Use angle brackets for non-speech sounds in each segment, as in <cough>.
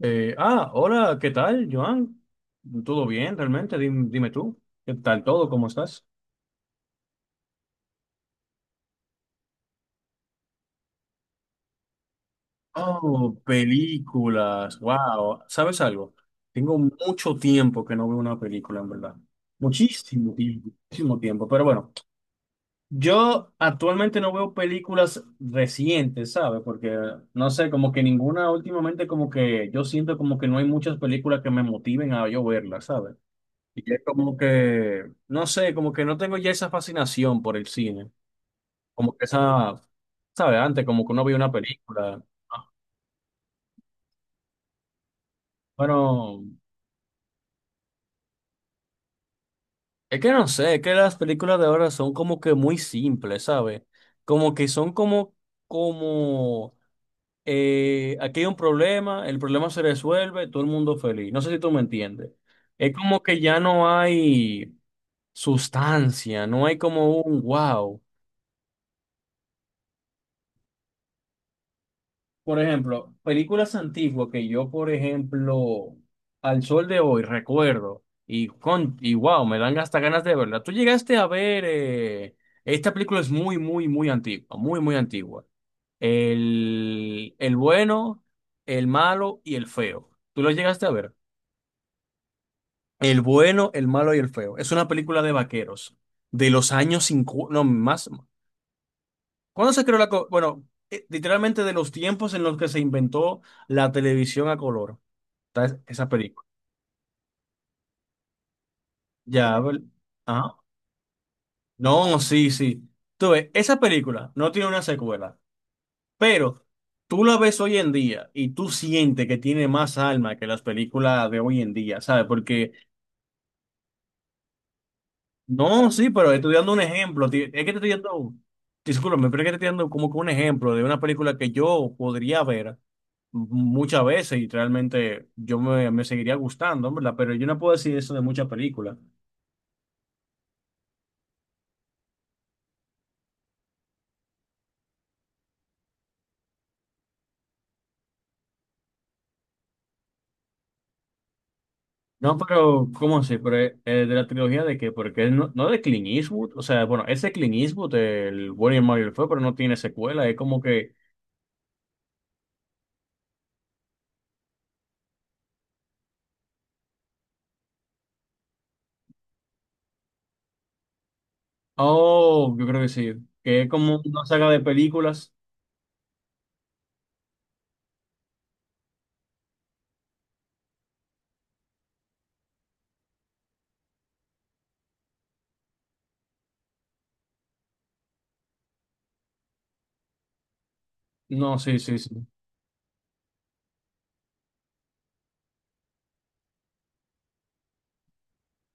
Hola, ¿qué tal, Joan? ¿Todo bien, realmente? Dime, tú, ¿qué tal todo? ¿Cómo estás? Oh, películas, wow. ¿Sabes algo? Tengo mucho tiempo que no veo una película, en verdad. Muchísimo tiempo, muchísimo tiempo. Pero bueno, yo actualmente no veo películas recientes, ¿sabes? Porque, no sé, como que ninguna últimamente, como que yo siento como que no hay muchas películas que me motiven a yo verlas, ¿sabes? Y es como que, no sé, como que no tengo ya esa fascinación por el cine. Como que esa, ¿sabes? Antes, como que uno veía una película, ¿no? Bueno, es que no sé, es que las películas de ahora son como que muy simples, ¿sabes? Como que son como, aquí hay un problema, el problema se resuelve, todo el mundo feliz. No sé si tú me entiendes. Es como que ya no hay sustancia, no hay como un wow. Por ejemplo, películas antiguas que yo, por ejemplo, al sol de hoy recuerdo y con y wow, me dan hasta ganas de verla. Tú llegaste a ver esta película es muy, muy, muy antigua, muy, muy antigua. El bueno, el malo y el feo. ¿Tú lo llegaste a ver? El bueno, el malo y el feo. Es una película de vaqueros de los años 50, no, más. ¿Cuándo se creó la... co- Bueno, literalmente de los tiempos en los que se inventó la televisión a color. Esa película. Ya, ¿ver- ah, no, sí, sí. Tú ves, esa película no tiene una secuela, pero tú la ves hoy en día y tú sientes que tiene más alma que las películas de hoy en día, ¿sabes? Porque no, sí, pero estoy dando un ejemplo. Es que te estoy dando, discúlpame, pero es que te estoy dando como que un ejemplo de una película que yo podría ver muchas veces y realmente yo me seguiría gustando, ¿verdad? Pero yo no puedo decir eso de muchas películas. No, pero, ¿cómo así? Pero, ¿de la trilogía de qué? Porque él no de Clint Eastwood, o sea, bueno, ese Clint Eastwood, el bueno y el malo y el feo, pero no tiene secuela, es como que, oh, yo creo que sí, que es como una saga de películas. No, sí, sí, sí.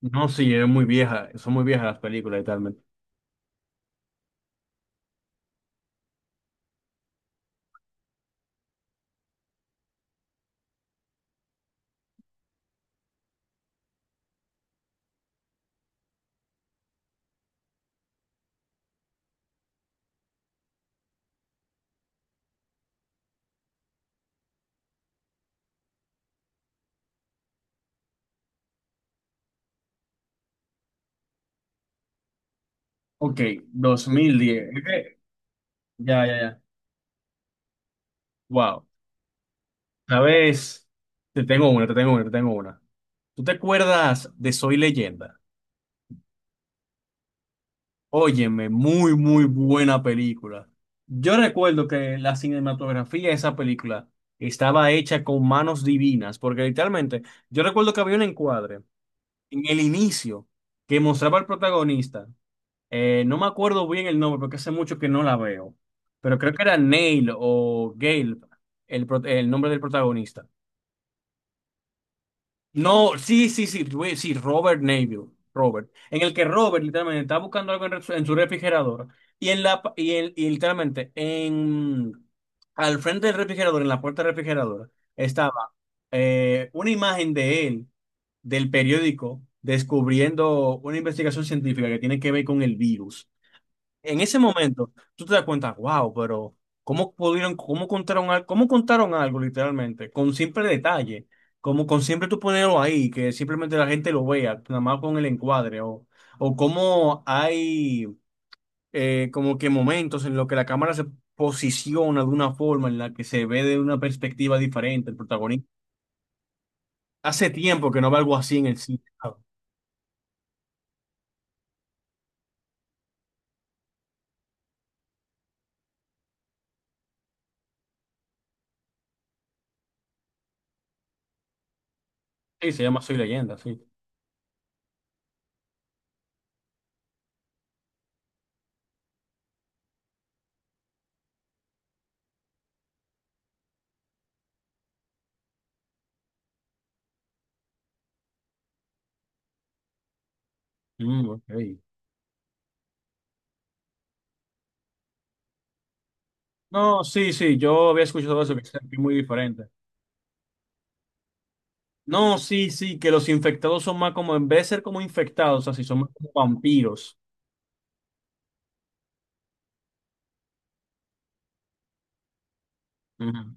No, sí, es muy vieja, son muy viejas las películas y dos mil diez. Ya, ya, ya. Wow. ¿Sabes? Te tengo una, te tengo una, te tengo una. ¿Tú te acuerdas de Soy Leyenda? Óyeme, muy, muy buena película. Yo recuerdo que la cinematografía de esa película estaba hecha con manos divinas, porque literalmente, yo recuerdo que había un encuadre en el inicio que mostraba al protagonista. No me acuerdo bien el nombre porque hace mucho que no la veo, pero creo que era Neil o Gale, el nombre del protagonista. No, sí, sí, sí, güey, sí, Robert Neville, Robert, en el que Robert literalmente está buscando algo en su refrigerador y en la pa- y, en- y literalmente en al frente del refrigerador, en la puerta del refrigerador, estaba una imagen de él del periódico descubriendo una investigación científica que tiene que ver con el virus. En ese momento, tú te das cuenta, wow, pero ¿cómo pudieron, cómo contaron algo literalmente? Con simple detalle, como con siempre tú ponerlo ahí, que simplemente la gente lo vea, nada más con el encuadre, o cómo hay como que momentos en los que la cámara se posiciona de una forma en la que se ve de una perspectiva diferente el protagonista. Hace tiempo que no veo algo así en el cine. Ah, sí, se llama Soy Leyenda, sí. Mm, ok. No, sí, sí, yo había escuchado eso, que es muy diferente. No, sí, sí, que los infectados son más como, en vez de ser como infectados, así son más como vampiros. Ujú.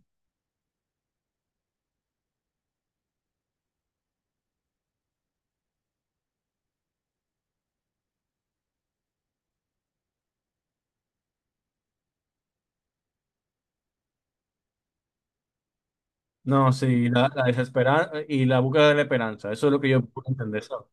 No, sí, la desesperanza y la búsqueda de la esperanza, eso es lo que yo puedo entender, ¿sabes?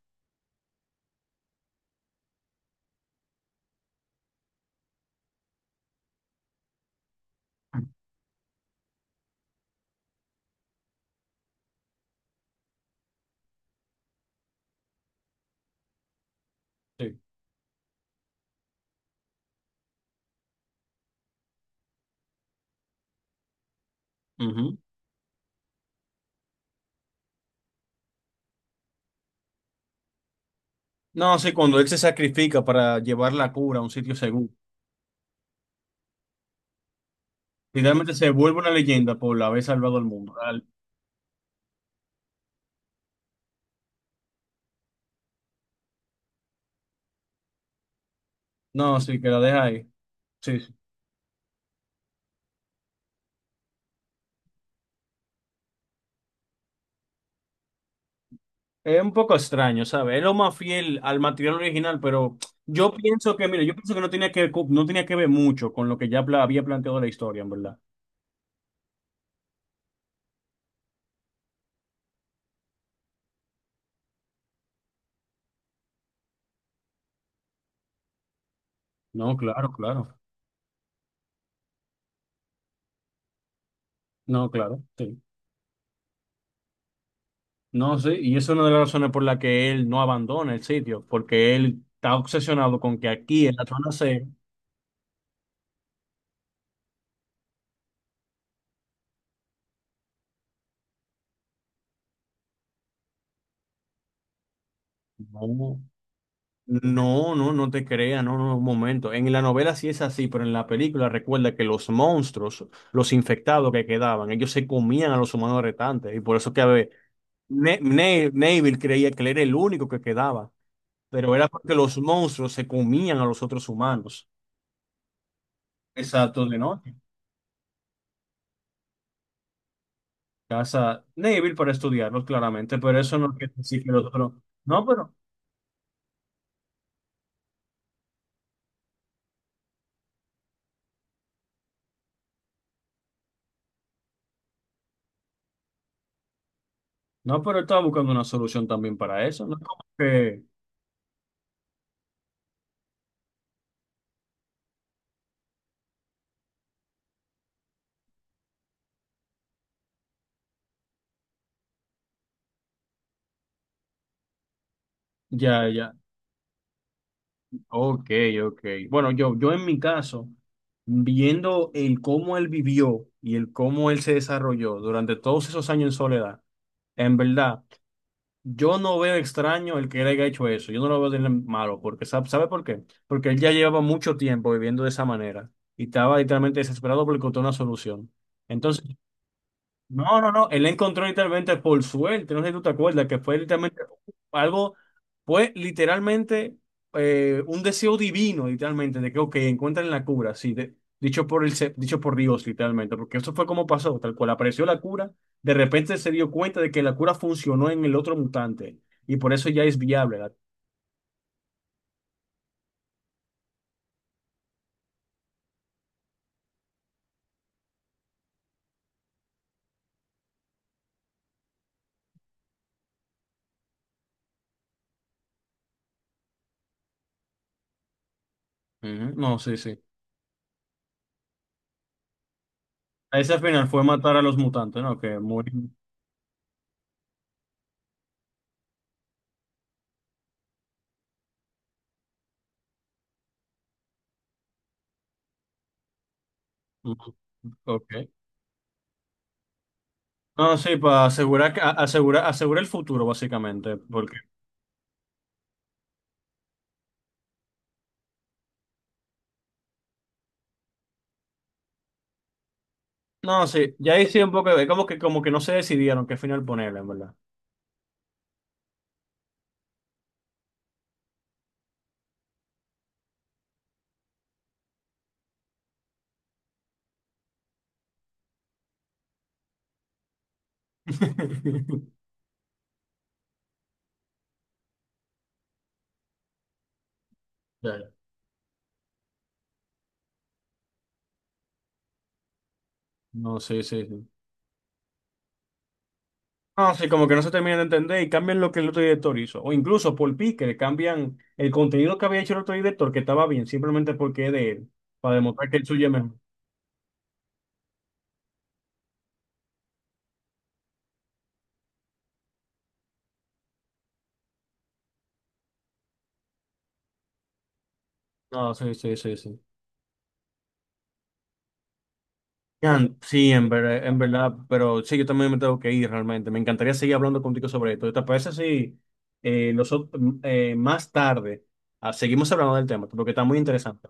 Sí. Ujú. No, sí, cuando él se sacrifica para llevar la cura a un sitio seguro, literalmente se vuelve una leyenda por haber salvado al mundo. No, sí, que la deja ahí. Sí, sí. Es un poco extraño, ¿sabes? Es lo más fiel al material original, pero yo pienso que, mira, yo pienso que no tenía que, no tenía que ver mucho con lo que ya había planteado la historia, en verdad. No, claro, claro. No, claro, sí. No, sí, y eso es una de las razones por la que él no abandona el sitio, porque él está obsesionado con que aquí en la zona C, no, no te creas, no, no, un momento. En la novela sí es así, pero en la película recuerda que los monstruos, los infectados que quedaban, ellos se comían a los humanos restantes, y por eso que a ver, Neville creía que él era el único que quedaba, pero era porque los monstruos se comían a los otros humanos. Exacto, de noche. Casa débil para estudiarlos, claramente, pero eso no quiere decir que los otros. No, no, pero, no, pero estaba buscando una solución también para eso. No es como que ya, ya. Ok, ok. Bueno, yo en mi caso, viendo el cómo él vivió y el cómo él se desarrolló durante todos esos años en soledad, en verdad, yo no veo extraño el que él haya hecho eso. Yo no lo veo de malo, porque ¿sabe, sabe por qué? Porque él ya llevaba mucho tiempo viviendo de esa manera y estaba literalmente desesperado por encontrar una solución. Entonces, no, no, no, él la encontró literalmente por suerte, no sé si tú te acuerdas, que fue literalmente algo, fue literalmente un deseo divino, literalmente, de que, ok, encuentren la cura, sí, dicho por el, dicho por Dios, literalmente, porque eso fue como pasó, tal cual, apareció la cura, de repente se dio cuenta de que la cura funcionó en el otro mutante, y por eso ya es viable. Ujú, no, sí, sí. Ese final fue matar a los mutantes, ¿no? Que muy... ujú, ok. No, sí, para asegurar, asegurar, asegurar el futuro, básicamente, porque... no, sí, ya ahí sí un poco, es como que no se decidieron qué final ponerle, en verdad. <laughs> Ya, ya. No, sí, sí, sí. No, sí, como que no se termina de entender y cambian lo que el otro director hizo. O incluso por Pique, cambian el contenido que había hecho el otro director, que estaba bien, simplemente porque es de él, para demostrar que el suyo es mejor. No, sí, sí, sí, sí. Yan, sí, en verdad, pero sí, yo también me tengo que ir realmente. Me encantaría seguir hablando contigo sobre esto. ¿Te parece si nosotros, más tarde seguimos hablando del tema? Porque está muy interesante.